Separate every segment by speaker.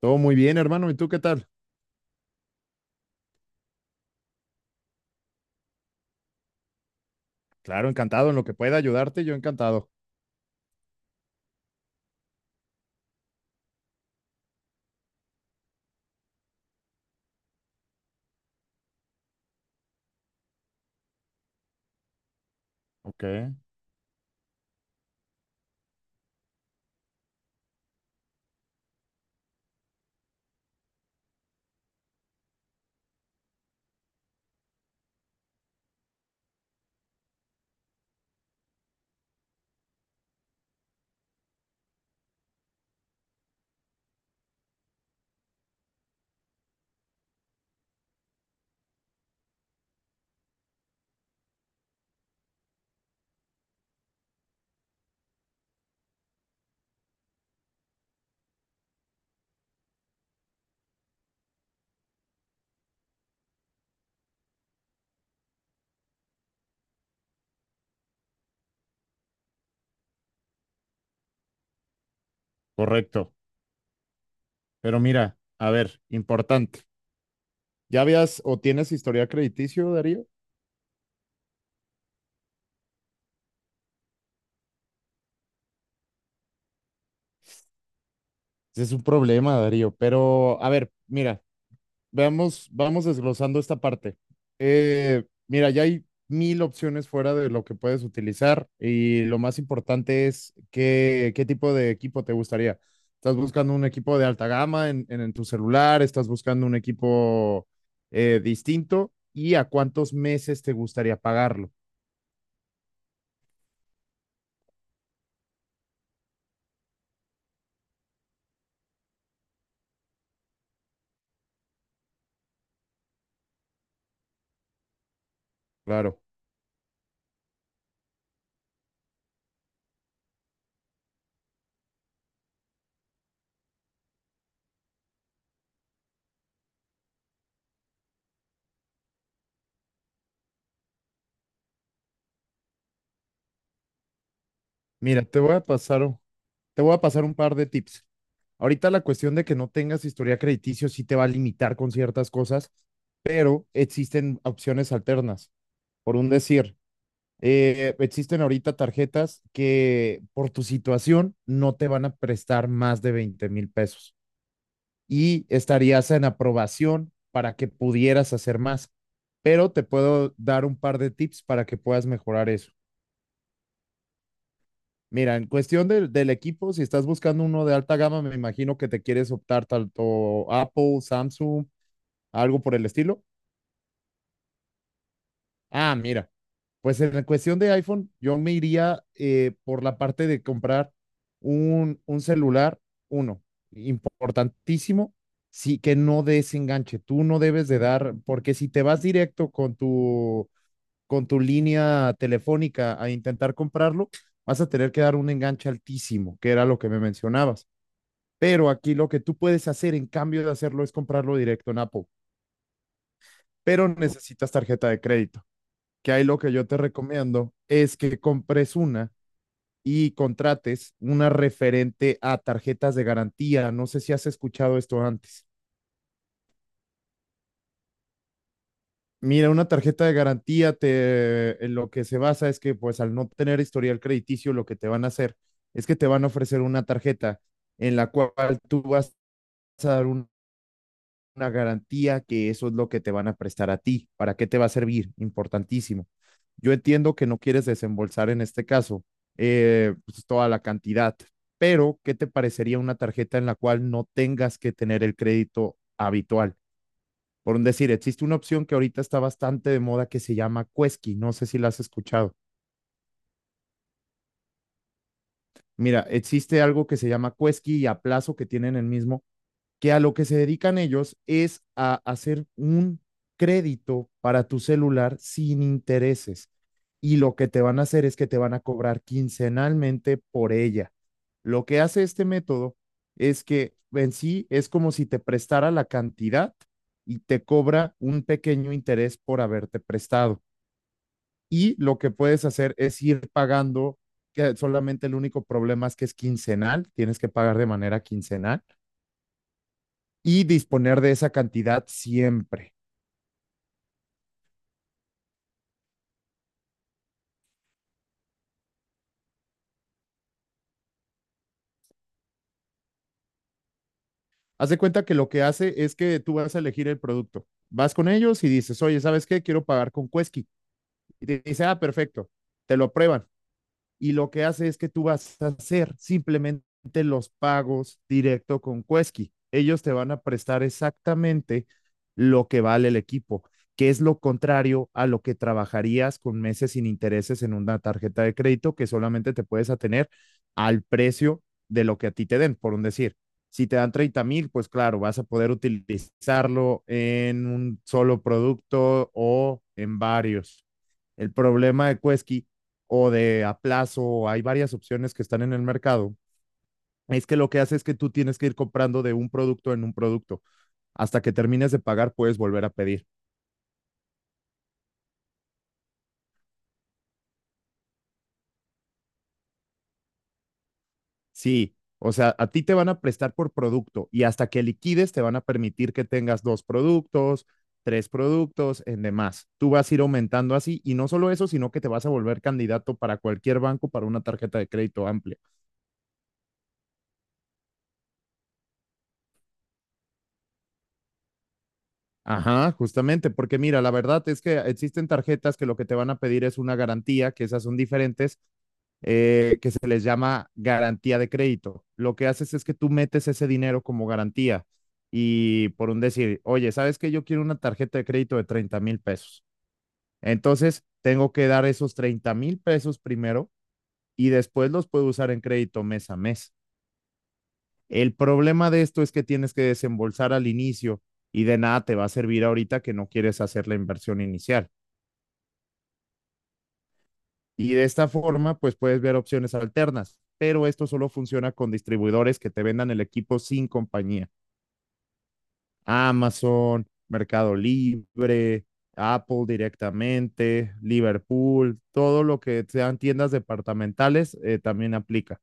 Speaker 1: Todo muy bien, hermano. ¿Y tú qué tal? Claro, encantado. En lo que pueda ayudarte, yo encantado. Ok, correcto. Pero mira, a ver, importante. ¿Ya habías o tienes historial crediticio, Darío? Ese es un problema, Darío. Pero, a ver, mira. Veamos, vamos desglosando esta parte. Mira, ya hay mil opciones fuera de lo que puedes utilizar y lo más importante es qué, qué tipo de equipo te gustaría. ¿Estás buscando un equipo de alta gama en tu celular? ¿Estás buscando un equipo distinto? ¿Y a cuántos meses te gustaría pagarlo? Claro. Mira, te voy a pasar un par de tips. Ahorita la cuestión de que no tengas historia crediticio sí te va a limitar con ciertas cosas, existen opciones alternas. Por un decir, existen ahorita tarjetas que por tu situación no te van a prestar más de 20,000 pesos y estarías en aprobación para que pudieras hacer más. Pero te puedo dar un par de tips para que puedas mejorar eso. Mira, en cuestión del equipo, si estás buscando uno de alta gama, me imagino que te quieres optar tanto Apple, Samsung, algo por el estilo. Ah, mira. Pues en la cuestión de iPhone, yo me iría por la parte de comprar un celular, uno, importantísimo, sí, que no desenganche. Tú no debes de dar, porque si te vas directo con tu línea telefónica a intentar comprarlo, vas a tener que dar un enganche altísimo, que era lo que me mencionabas. Pero aquí lo que tú puedes hacer en cambio de hacerlo es comprarlo directo en Apple, pero necesitas tarjeta de crédito que ahí lo que yo te recomiendo es que compres una y contrates una referente a tarjetas de garantía. No sé si has escuchado esto antes. Mira, una tarjeta de garantía te, en lo que se basa es que pues al no tener historial crediticio, lo que te van a hacer es que te van a ofrecer una tarjeta en la cual tú vas a dar una garantía que eso es lo que te van a prestar a ti. ¿Para qué te va a servir? Importantísimo. Yo entiendo que no quieres desembolsar en este caso pues, toda la cantidad, pero ¿qué te parecería una tarjeta en la cual no tengas que tener el crédito habitual? Por un decir, existe una opción que ahorita está bastante de moda que se llama Quesky, no sé si la has escuchado. Mira, existe algo que se llama Quesky y Aplazo que tienen el mismo, que a lo que se dedican ellos es a hacer un crédito para tu celular sin intereses. Y lo que te van a hacer es que te van a cobrar quincenalmente por ella. Lo que hace este método es que en sí es como si te prestara la cantidad y te cobra un pequeño interés por haberte prestado. Y lo que puedes hacer es ir pagando, que solamente el único problema es que es quincenal, tienes que pagar de manera quincenal y disponer de esa cantidad siempre. Haz de cuenta que lo que hace es que tú vas a elegir el producto. Vas con ellos y dices, oye, ¿sabes qué? Quiero pagar con Quesky. Y te dice, ah, perfecto, te lo aprueban. Y lo que hace es que tú vas a hacer simplemente los pagos directo con Cuesqui. Ellos te van a prestar exactamente lo que vale el equipo, que es lo contrario a lo que trabajarías con meses sin intereses en una tarjeta de crédito que solamente te puedes atener al precio de lo que a ti te den, por un decir. Si te dan 30,000, pues claro, vas a poder utilizarlo en un solo producto o en varios. El problema de Quesky o de Aplazo, hay varias opciones que están en el mercado, es que lo que hace es que tú tienes que ir comprando de un producto en un producto. Hasta que termines de pagar, puedes volver a pedir. Sí, o sea, a ti te van a prestar por producto y hasta que liquides te van a permitir que tengas dos productos, tres productos, en demás. Tú vas a ir aumentando así y no solo eso, sino que te vas a volver candidato para cualquier banco para una tarjeta de crédito amplia. Ajá, justamente, porque mira, la verdad es que existen tarjetas que lo que te van a pedir es una garantía, que esas son diferentes, que se les llama garantía de crédito. Lo que haces es que tú metes ese dinero como garantía y por un decir, oye, ¿sabes que yo quiero una tarjeta de crédito de 30,000 pesos? Entonces, tengo que dar esos 30,000 pesos primero y después los puedo usar en crédito mes a mes. El problema de esto es que tienes que desembolsar al inicio y de nada te va a servir ahorita que no quieres hacer la inversión inicial. Y de esta forma, pues puedes ver opciones alternas, pero esto solo funciona con distribuidores que te vendan el equipo sin compañía. Amazon, Mercado Libre, Apple directamente, Liverpool, todo lo que sean tiendas departamentales también aplica.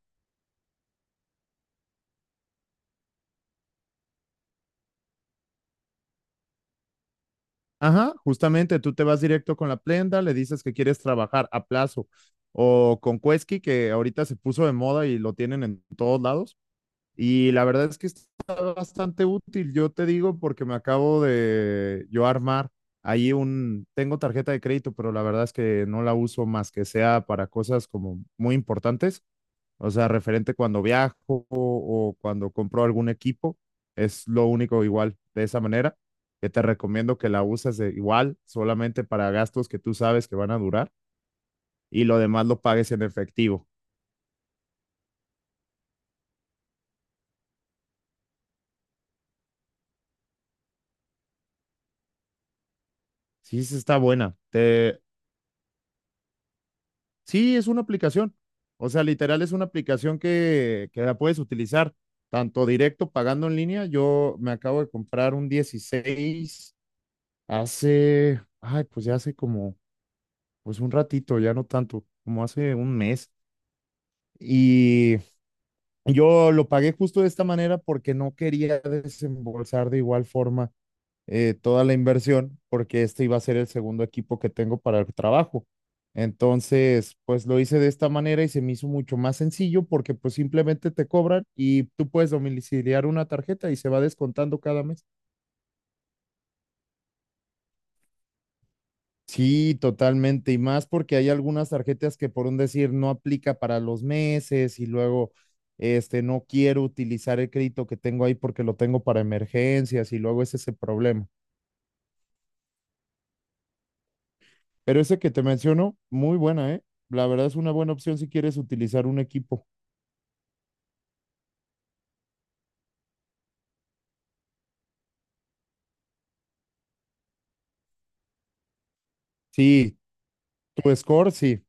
Speaker 1: Ajá, justamente tú te vas directo con la prenda, le dices que quieres trabajar a plazo o con Quesky, que ahorita se puso de moda y lo tienen en todos lados. Y la verdad es que está bastante útil, yo te digo, porque me acabo de yo armar ahí un, tengo tarjeta de crédito, pero la verdad es que no la uso más que sea para cosas como muy importantes. O sea, referente cuando viajo o cuando compro algún equipo, es lo único igual de esa manera, que te recomiendo que la uses de igual, solamente para gastos que tú sabes que van a durar y lo demás lo pagues en efectivo. Sí, sí está buena. Te. Sí, es una aplicación. O sea, literal es una aplicación que la puedes utilizar tanto directo pagando en línea. Yo me acabo de comprar un 16 hace, ay, pues ya hace como pues un ratito, ya no tanto, como hace un mes. Y yo lo pagué justo de esta manera porque no quería desembolsar de igual forma toda la inversión, porque este iba a ser el segundo equipo que tengo para el trabajo. Entonces, pues lo hice de esta manera y se me hizo mucho más sencillo porque pues simplemente te cobran y tú puedes domiciliar una tarjeta y se va descontando cada mes. Sí, totalmente. Y más porque hay algunas tarjetas que por un decir no aplica para los meses y luego no quiero utilizar el crédito que tengo ahí porque lo tengo para emergencias y luego ese es el problema. Pero ese que te menciono, muy buena, ¿eh? La verdad es una buena opción si quieres utilizar un equipo. Sí, tu score, sí,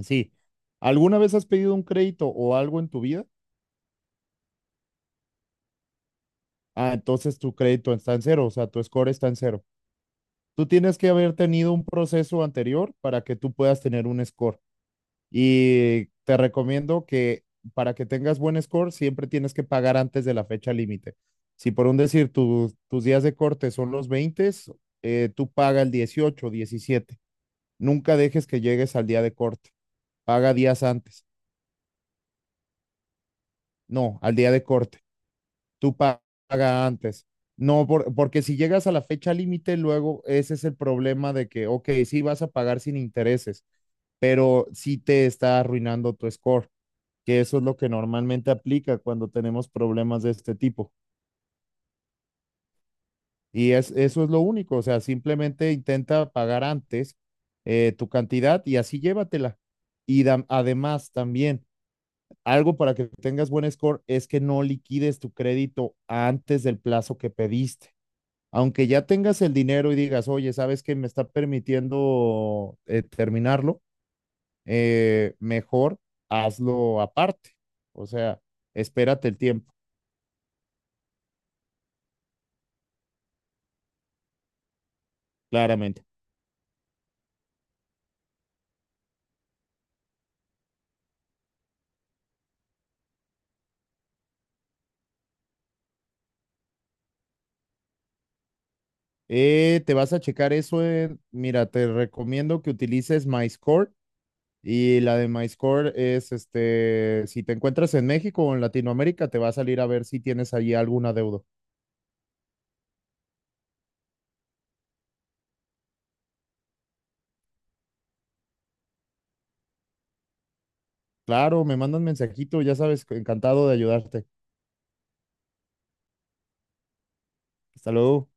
Speaker 1: sí. ¿Alguna vez has pedido un crédito o algo en tu vida? Ah, entonces tu crédito está en cero, o sea, tu score está en cero. Tú tienes que haber tenido un proceso anterior para que tú puedas tener un score. Y te recomiendo que para que tengas buen score, siempre tienes que pagar antes de la fecha límite. Si por un decir tus días de corte son los 20, tú paga el 18, 17. Nunca dejes que llegues al día de corte. Paga días antes. No, al día de corte. Tú paga antes. No, porque si llegas a la fecha límite, luego ese es el problema de que, ok, sí vas a pagar sin intereses, pero sí te está arruinando tu score. Que eso es lo que normalmente aplica cuando tenemos problemas de este tipo. Y es, eso es lo único, o sea, simplemente intenta pagar antes tu cantidad y así llévatela. Y además también, algo para que tengas buen score es que no liquides tu crédito antes del plazo que pediste. Aunque ya tengas el dinero y digas, oye, ¿sabes que me está permitiendo terminarlo? Mejor hazlo aparte. O sea, espérate el tiempo, claramente. Te vas a checar eso. Mira, te recomiendo que utilices MyScore. Y la de MyScore es, si te encuentras en México o en Latinoamérica, te va a salir a ver si tienes allí algún adeudo. Claro, me mandan mensajito, ya sabes, encantado de ayudarte. Hasta luego.